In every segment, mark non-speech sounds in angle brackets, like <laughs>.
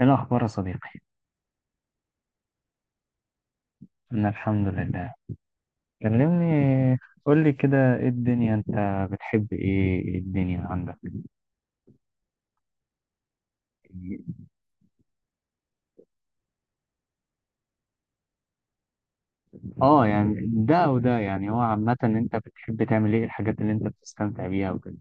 ايه الاخبار يا صديقي؟ انا الحمد لله. كلمني، قول لي كده، ايه الدنيا؟ انت بتحب ايه؟ إيه الدنيا عندك؟ اه، يعني ده وده. يعني هو عامة انت بتحب تعمل ايه؟ الحاجات اللي انت بتستمتع بيها وكده.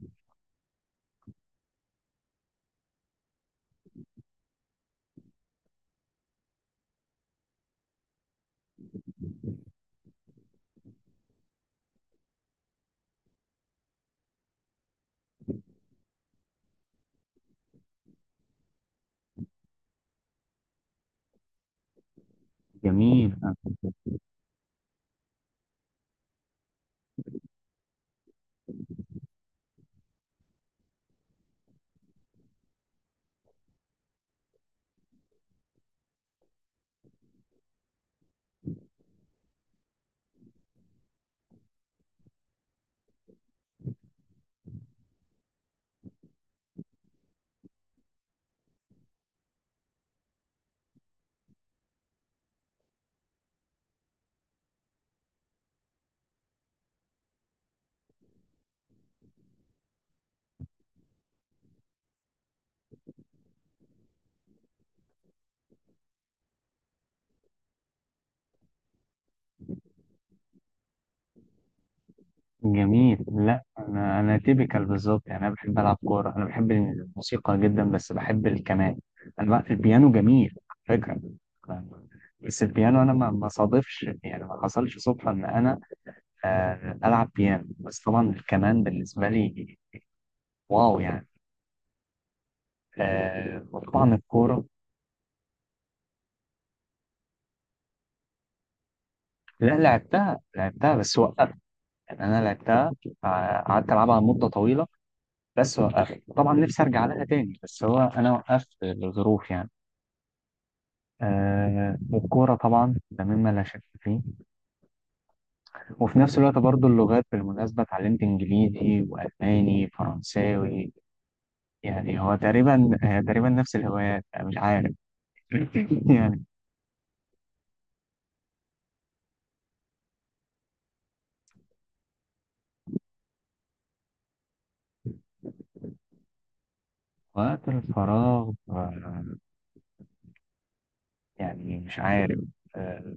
جميل. جميل. لا، انا تيبيكال بالظبط. يعني انا بحب العب كورة، انا بحب الموسيقى جدا، بس بحب الكمان. انا بقى البيانو جميل على فكرة، بس البيانو انا ما صادفش، يعني ما حصلش صدفة ان انا ألعب بيانو. بس طبعا الكمان بالنسبة لي واو يعني. وطبعا الكورة. لا، لعبتها بس وقفت. يعني أنا لعبتها، قعدت ألعبها مدة طويلة، بس وقفت. طبعا نفسي أرجع لها تاني، بس هو أنا وقفت لظروف يعني. والكورة طبعا ده مما لا شك فيه. وفي نفس الوقت برضو اللغات، بالمناسبة اتعلمت إنجليزي وألماني فرنساوي. يعني هو تقريبا، تقريبا نفس الهوايات. مش عارف. <laughs> يعني وقت الفراغ، يعني مش عارف. آه،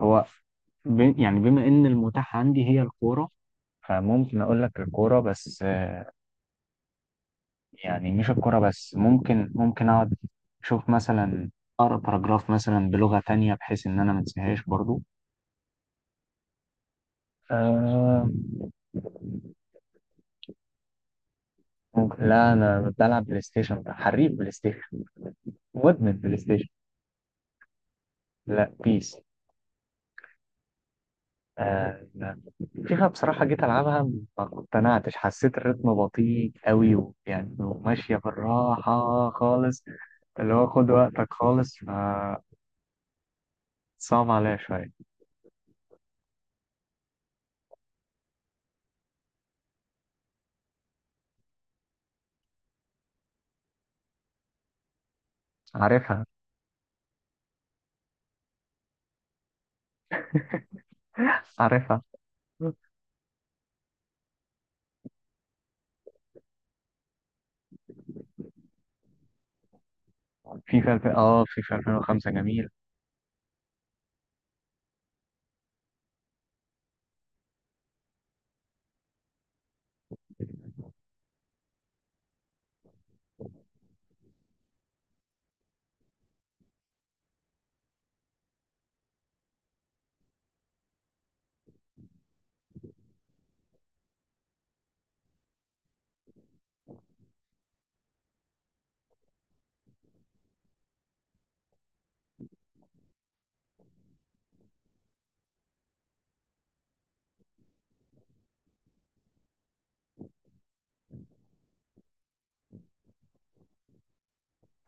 هو يعني بما ان المتاح عندي هي الكوره، فممكن اقول لك الكوره بس. يعني مش الكوره بس، ممكن اقعد اشوف مثلا، اقرا باراجراف مثلا بلغه تانية، بحيث ان انا ما انساهاش برضو. آه، ممكن. لا، انا بلعب بلاي ستيشن، حريف بلاي ستيشن، مدمن بلاي ستيشن. لا، بيس. آه. فيفا بصراحة جيت ألعبها ما اقتنعتش، حسيت الريتم بطيء قوي، يعني وماشية بالراحة خالص، اللي هو خد وقتك خالص، فصعب عليا شوية. عارفها. عارفها. فيفا اه فيفا 2005 جميل.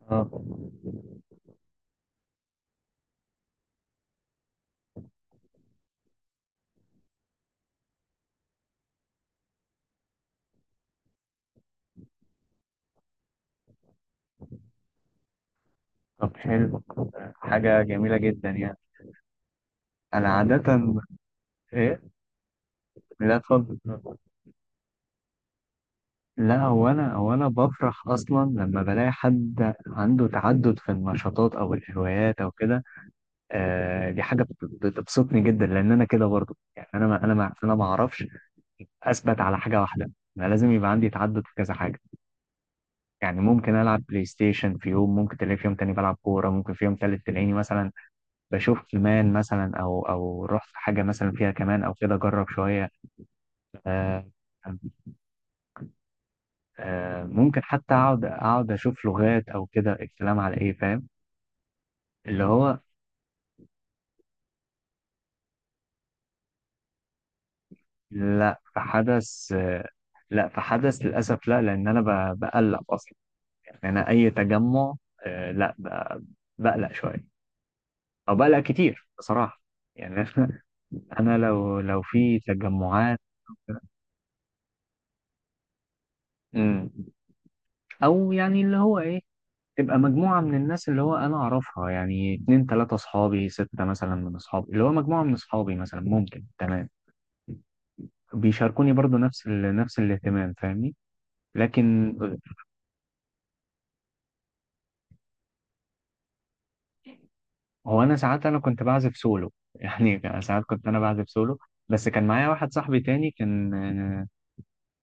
اه. طب حلو، حاجة جميلة جدا يعني. أنا عادة إيه؟ لا اتفضل. لا، هو أنا هو أنا بفرح أصلا لما بلاقي حد عنده تعدد في النشاطات أو الهوايات أو كده. آه، دي حاجه بتبسطني جدا، لان انا كده برضو. يعني انا ما انا ما اعرفش اثبت على حاجه واحده. انا لازم يبقى عندي تعدد في كذا حاجه. يعني ممكن العب بلاي ستيشن في يوم، ممكن تلاقي في يوم تاني بلعب كوره، ممكن في يوم تالت تلاقيني مثلا بشوف كمان مثلا، او رحت حاجه مثلا فيها كمان او كده، اجرب شويه. آه. آه، ممكن حتى اقعد اشوف لغات او كده. الكلام على ايه؟ فاهم اللي هو. لا، في حدث. آه. لا، في حدث للاسف. لا، لان انا بقلق اصلا. يعني انا اي تجمع، آه لا ب- بقلق شويه، او بقلق كتير بصراحه. يعني <laughs> انا لو، لو في تجمعات. مم. او يعني اللي هو ايه، تبقى مجموعه من الناس اللي هو انا اعرفها، يعني اتنين تلاته اصحابي، سته مثلا من اصحابي، اللي هو مجموعه من اصحابي مثلا، ممكن تمام. بيشاركوني برضو نفس الاهتمام، فاهمني؟ لكن هو انا ساعات، انا كنت بعزف سولو. <laughs> يعني ساعات كنت انا بعزف سولو، بس كان معايا واحد صاحبي تاني، كان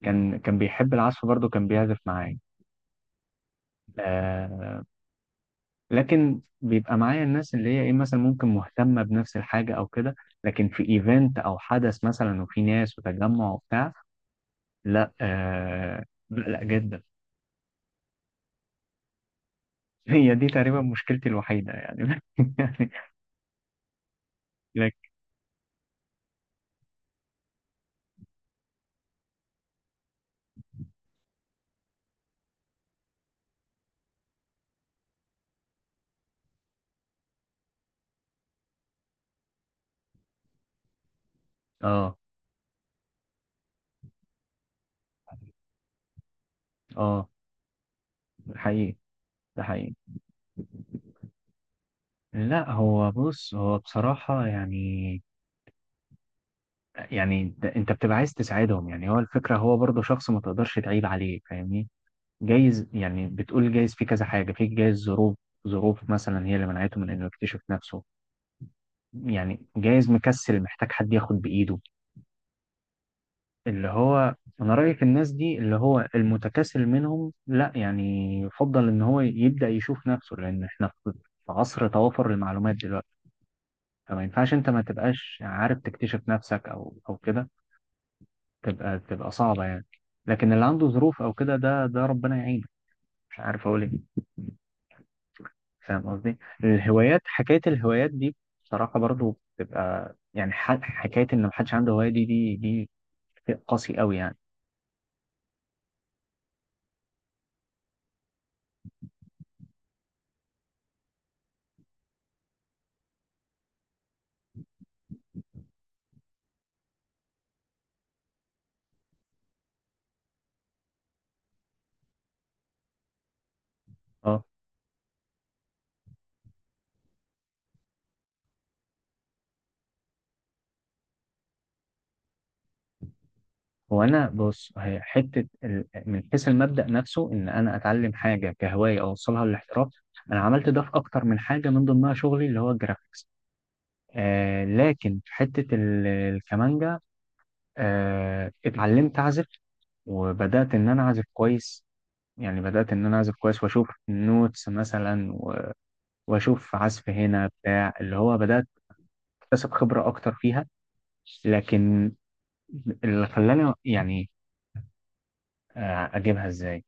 كان كان بيحب العزف برضه، كان بيعزف معايا. آه. لكن بيبقى معايا الناس اللي هي ايه، مثلا ممكن مهتمة بنفس الحاجة او كده. لكن في ايفنت او حدث مثلا، وفي ناس وتجمع وبتاع، لا. آه، لا جدا. <laughs> هي دي تقريبا مشكلتي الوحيدة يعني. <laughs> يعني لك. اه. اه، حقيقي. ده حقيقي. لا هو بص، هو بصراحة يعني، يعني انت بتبقى عايز تساعدهم. يعني هو الفكرة، هو برضه شخص ما تقدرش تعيب عليه، فاهمني؟ جايز يعني، بتقول جايز في كذا حاجة، في جايز ظروف، ظروف مثلا هي اللي منعته من انه يكتشف نفسه. يعني جايز مكسل، محتاج حد ياخد بإيده اللي هو. انا رأيي في الناس دي، اللي هو المتكاسل منهم لا، يعني يفضل ان هو يبدأ يشوف نفسه، لان احنا في، في عصر توافر المعلومات دلوقتي. فما ينفعش انت ما تبقاش عارف تكتشف نفسك، او كده. تبقى صعبة يعني. لكن اللي عنده ظروف او كده، ده ربنا يعينه، مش عارف اقول ايه. فاهم قصدي؟ الهوايات، حكاية الهوايات دي، بصراحة برضو بتبقى يعني حكاية إن محدش عنده هواية، دي شيء قاسي قوي يعني. اه. وأنا بص، هي حتة من حيث المبدأ نفسه، إن أنا أتعلم حاجة كهواية أوصلها للاحتراف، أنا عملت ده في أكتر من حاجة، من ضمنها شغلي اللي هو الجرافيكس. آه، لكن في حتة الكمانجا، آه، اتعلمت أعزف وبدأت إن أنا أعزف كويس. يعني بدأت إن أنا أعزف كويس، وأشوف النوتس مثلا، واشوف عزف هنا بتاع، اللي هو بدات اكتسب خبره اكتر فيها. لكن اللي خلاني يعني، اجيبها ازاي،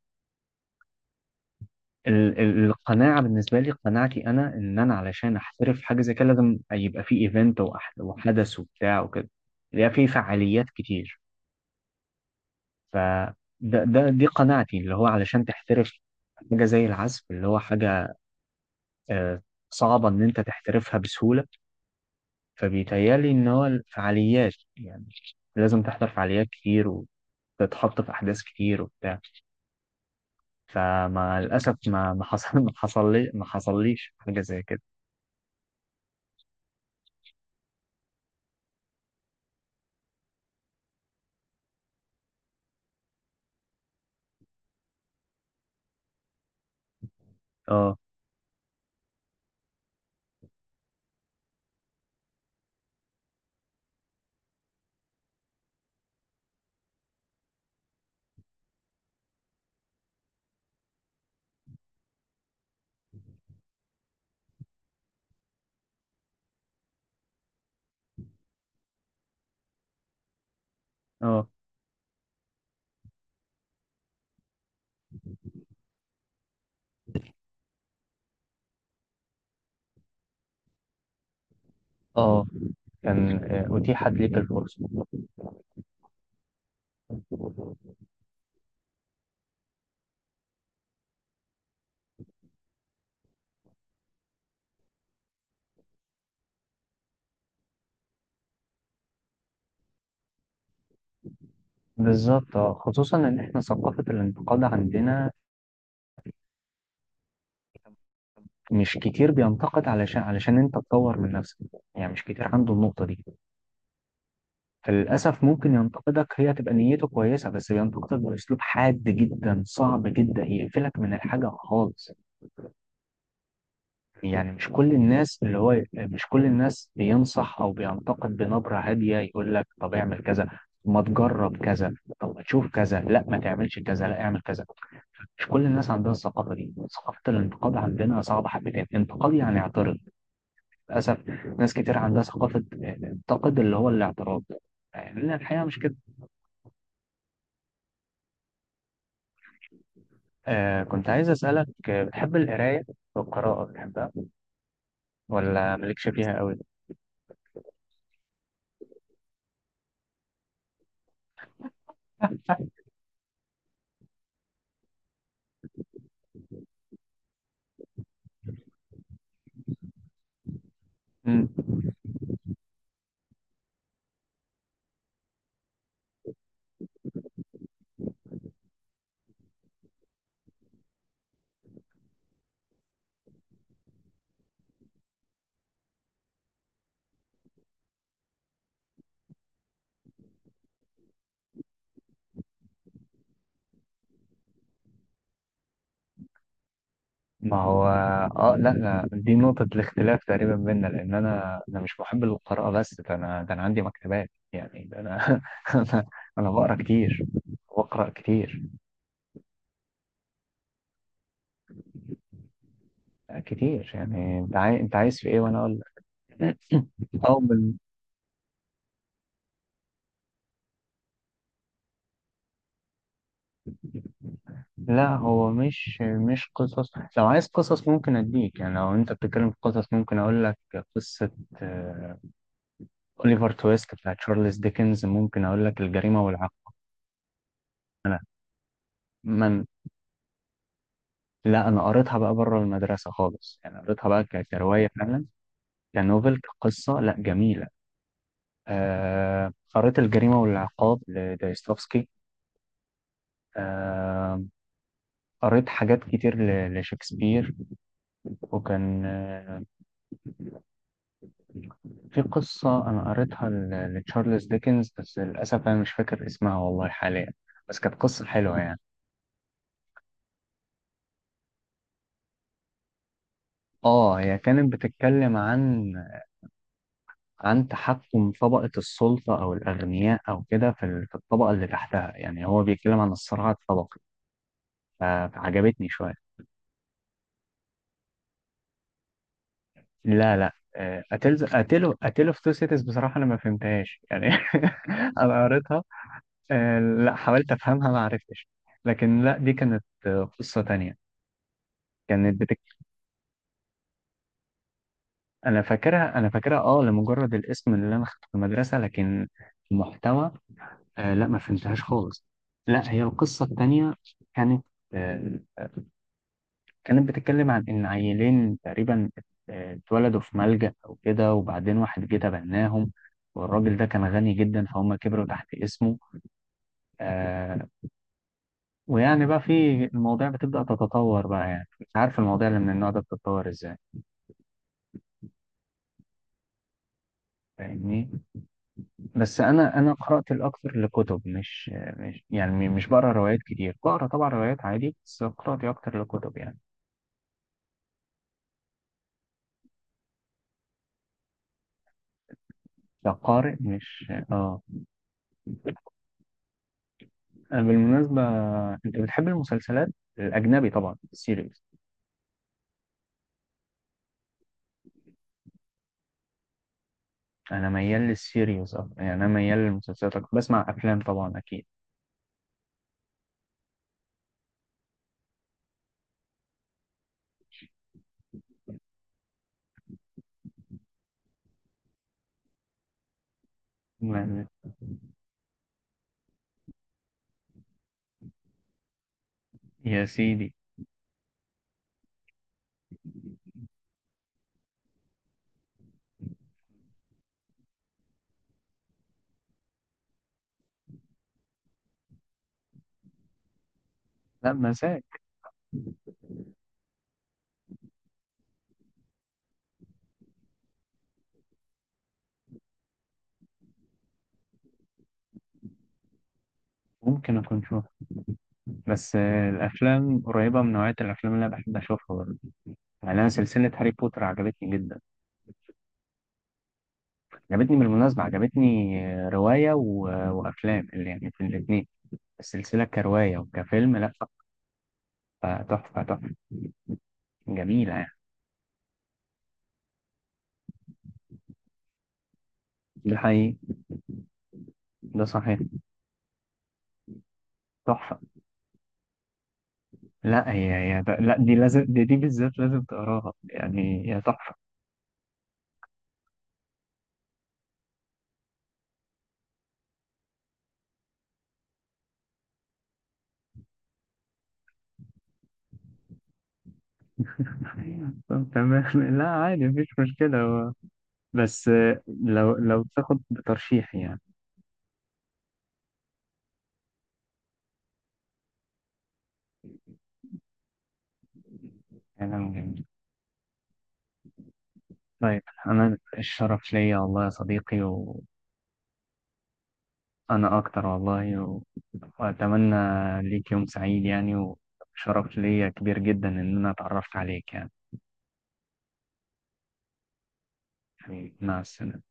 القناعه بالنسبه لي، قناعتي انا ان انا علشان احترف في حاجه زي كده، لازم يبقى في ايفنت وحدث وبتاع وكده، يبقى في فعاليات كتير. ف ده دي قناعتي، اللي هو علشان تحترف حاجه زي العزف، اللي هو حاجه آه، صعبه ان انت تحترفها بسهوله. فبيتهيألي إن هو الفعاليات يعني، لازم تحضر فعاليات كتير، وتتحط في أحداث كتير وبتاع. فمع الأسف ما حصل لي ما حصليش حاجة زي كده. اه. اه. اه، كان أتيحت ليك الفرصة. بالظبط، اه. خصوصا إن إحنا ثقافة الانتقاد عندنا مش كتير بينتقد علشان، علشان أنت تطور من نفسك. يعني مش كتير عنده النقطة دي. فللأسف ممكن ينتقدك هي تبقى نيته كويسة، بس بينتقدك بأسلوب حاد جدا، صعب جدا يقفلك من الحاجة خالص. يعني مش كل الناس اللي هو، مش كل الناس بينصح أو بينتقد بنبرة هادية، يقول لك طب اعمل كذا، ما تجرب كذا، طب ما تشوف كذا، لا ما تعملش كذا، لا اعمل كذا. مش كل الناس عندها الثقافة دي. ثقافة الانتقاد عندنا صعبة حبتين. انتقاد يعني اعترض، للأسف. ناس كتير عندها ثقافة انتقد، اللي هو الاعتراض. يعني الحقيقة مش كده. آه، كنت عايز أسألك، بتحب القراية؟ والقراءة بتحبها ولا مالكش فيها قوي؟ مم. ما هو، اه لا لا، دي نقطة الاختلاف تقريبا بيننا، لأن أنا مش محب للقراءة، بس ده أنا، ده أنا عندي مكتبات يعني، ده أنا <laughs> أنا، أنا بقرا كتير وأقرأ كتير كتير. يعني أنت عايز، أنت عايز في إيه وأنا أقول لك؟ أو بال... لا هو مش، مش قصص. لو عايز قصص ممكن أديك، يعني لو أنت بتتكلم في قصص ممكن أقول لك قصة آه، أوليفر تويست بتاع تشارلز ديكنز، ممكن أقول لك الجريمة والعقاب. أنا من، لا أنا قريتها بقى بره المدرسة خالص، يعني قريتها بقى كرواية فعلا، كنوفل كقصة، لا جميلة. آه، قريت الجريمة والعقاب لدايستوفسكي. آه، قريت حاجات كتير لشكسبير. وكان آه، في قصة أنا قريتها لتشارلز ديكنز، بس للأسف أنا مش فاكر اسمها والله حاليا، بس كانت قصة حلوة يعني. اه، هي كانت بتتكلم عن، عن تحكم طبقة السلطة أو الأغنياء أو كده في في الطبقة اللي تحتها. يعني هو بيتكلم عن الصراع الطبقي، فعجبتني شوية. لا لا، أتلز، أتلو في تو سيتيز بصراحة أنا ما فهمتهاش يعني. <laughs> أنا قريتها، لا حاولت أفهمها ما عرفتش. لكن لا، دي كانت قصة تانية. كانت أنا فاكرها، أنا فاكرها أه لمجرد الاسم اللي أنا خدته في المدرسة، لكن المحتوى لا ما فهمتهاش خالص. لا، هي القصة التانية كانت آه، كانت بتتكلم عن إن عيلين تقريبا اتولدوا في ملجأ أو كده، وبعدين واحد جه تبناهم، والراجل ده كان غني جدا، فهم كبروا تحت اسمه. آه، ويعني بقى في، المواضيع بتبدأ تتطور بقى، يعني مش عارف المواضيع اللي من النوع ده بتتطور ازاي. فاهمني؟ بس أنا قرأت الأكثر لكتب، مش يعني مش بقرأ روايات كتير، بقرأ طبعا روايات عادي، بس قراءتي أكتر لكتب يعني. كقارئ، مش اه. بالمناسبة أنت بتحب المسلسلات الأجنبي طبعا، السيريز؟ انا ميال للسيريوس اكتر، يعني انا ميال للمسلسلات اكتر، بسمع افلام طبعا اكيد. ما- يا سيدي. لا مزاج. ممكن اكون شوف، بس الافلام قريبه من نوعيه الافلام اللي انا بحب اشوفها برضه. يعني انا سلسله هاري بوتر عجبتني جدا. عجبتني بالمناسبه، عجبتني روايه وافلام، اللي يعني في الاثنين، السلسله كروايه وكفيلم، لا تحفه، تحفه، جميله يعني. ده حقيقي، ده صحيح. تحفه. لا هي هي، لا دي لازم، دي, دي بالذات لازم تقراها، يعني هي تحفه. أيوة. طب تمام. <laughs> لا عادي مفيش مشكلة. هو بس لو، لو تاخد بترشيح يعني. كلام جميل. طيب أنا الشرف ليا والله يا صديقي، وأنا أكتر والله وأتمنى ليك يوم سعيد يعني، وشرف ليا كبير جدا إن أنا اتعرفت عليك يعني. حبيبي، مع السلامة.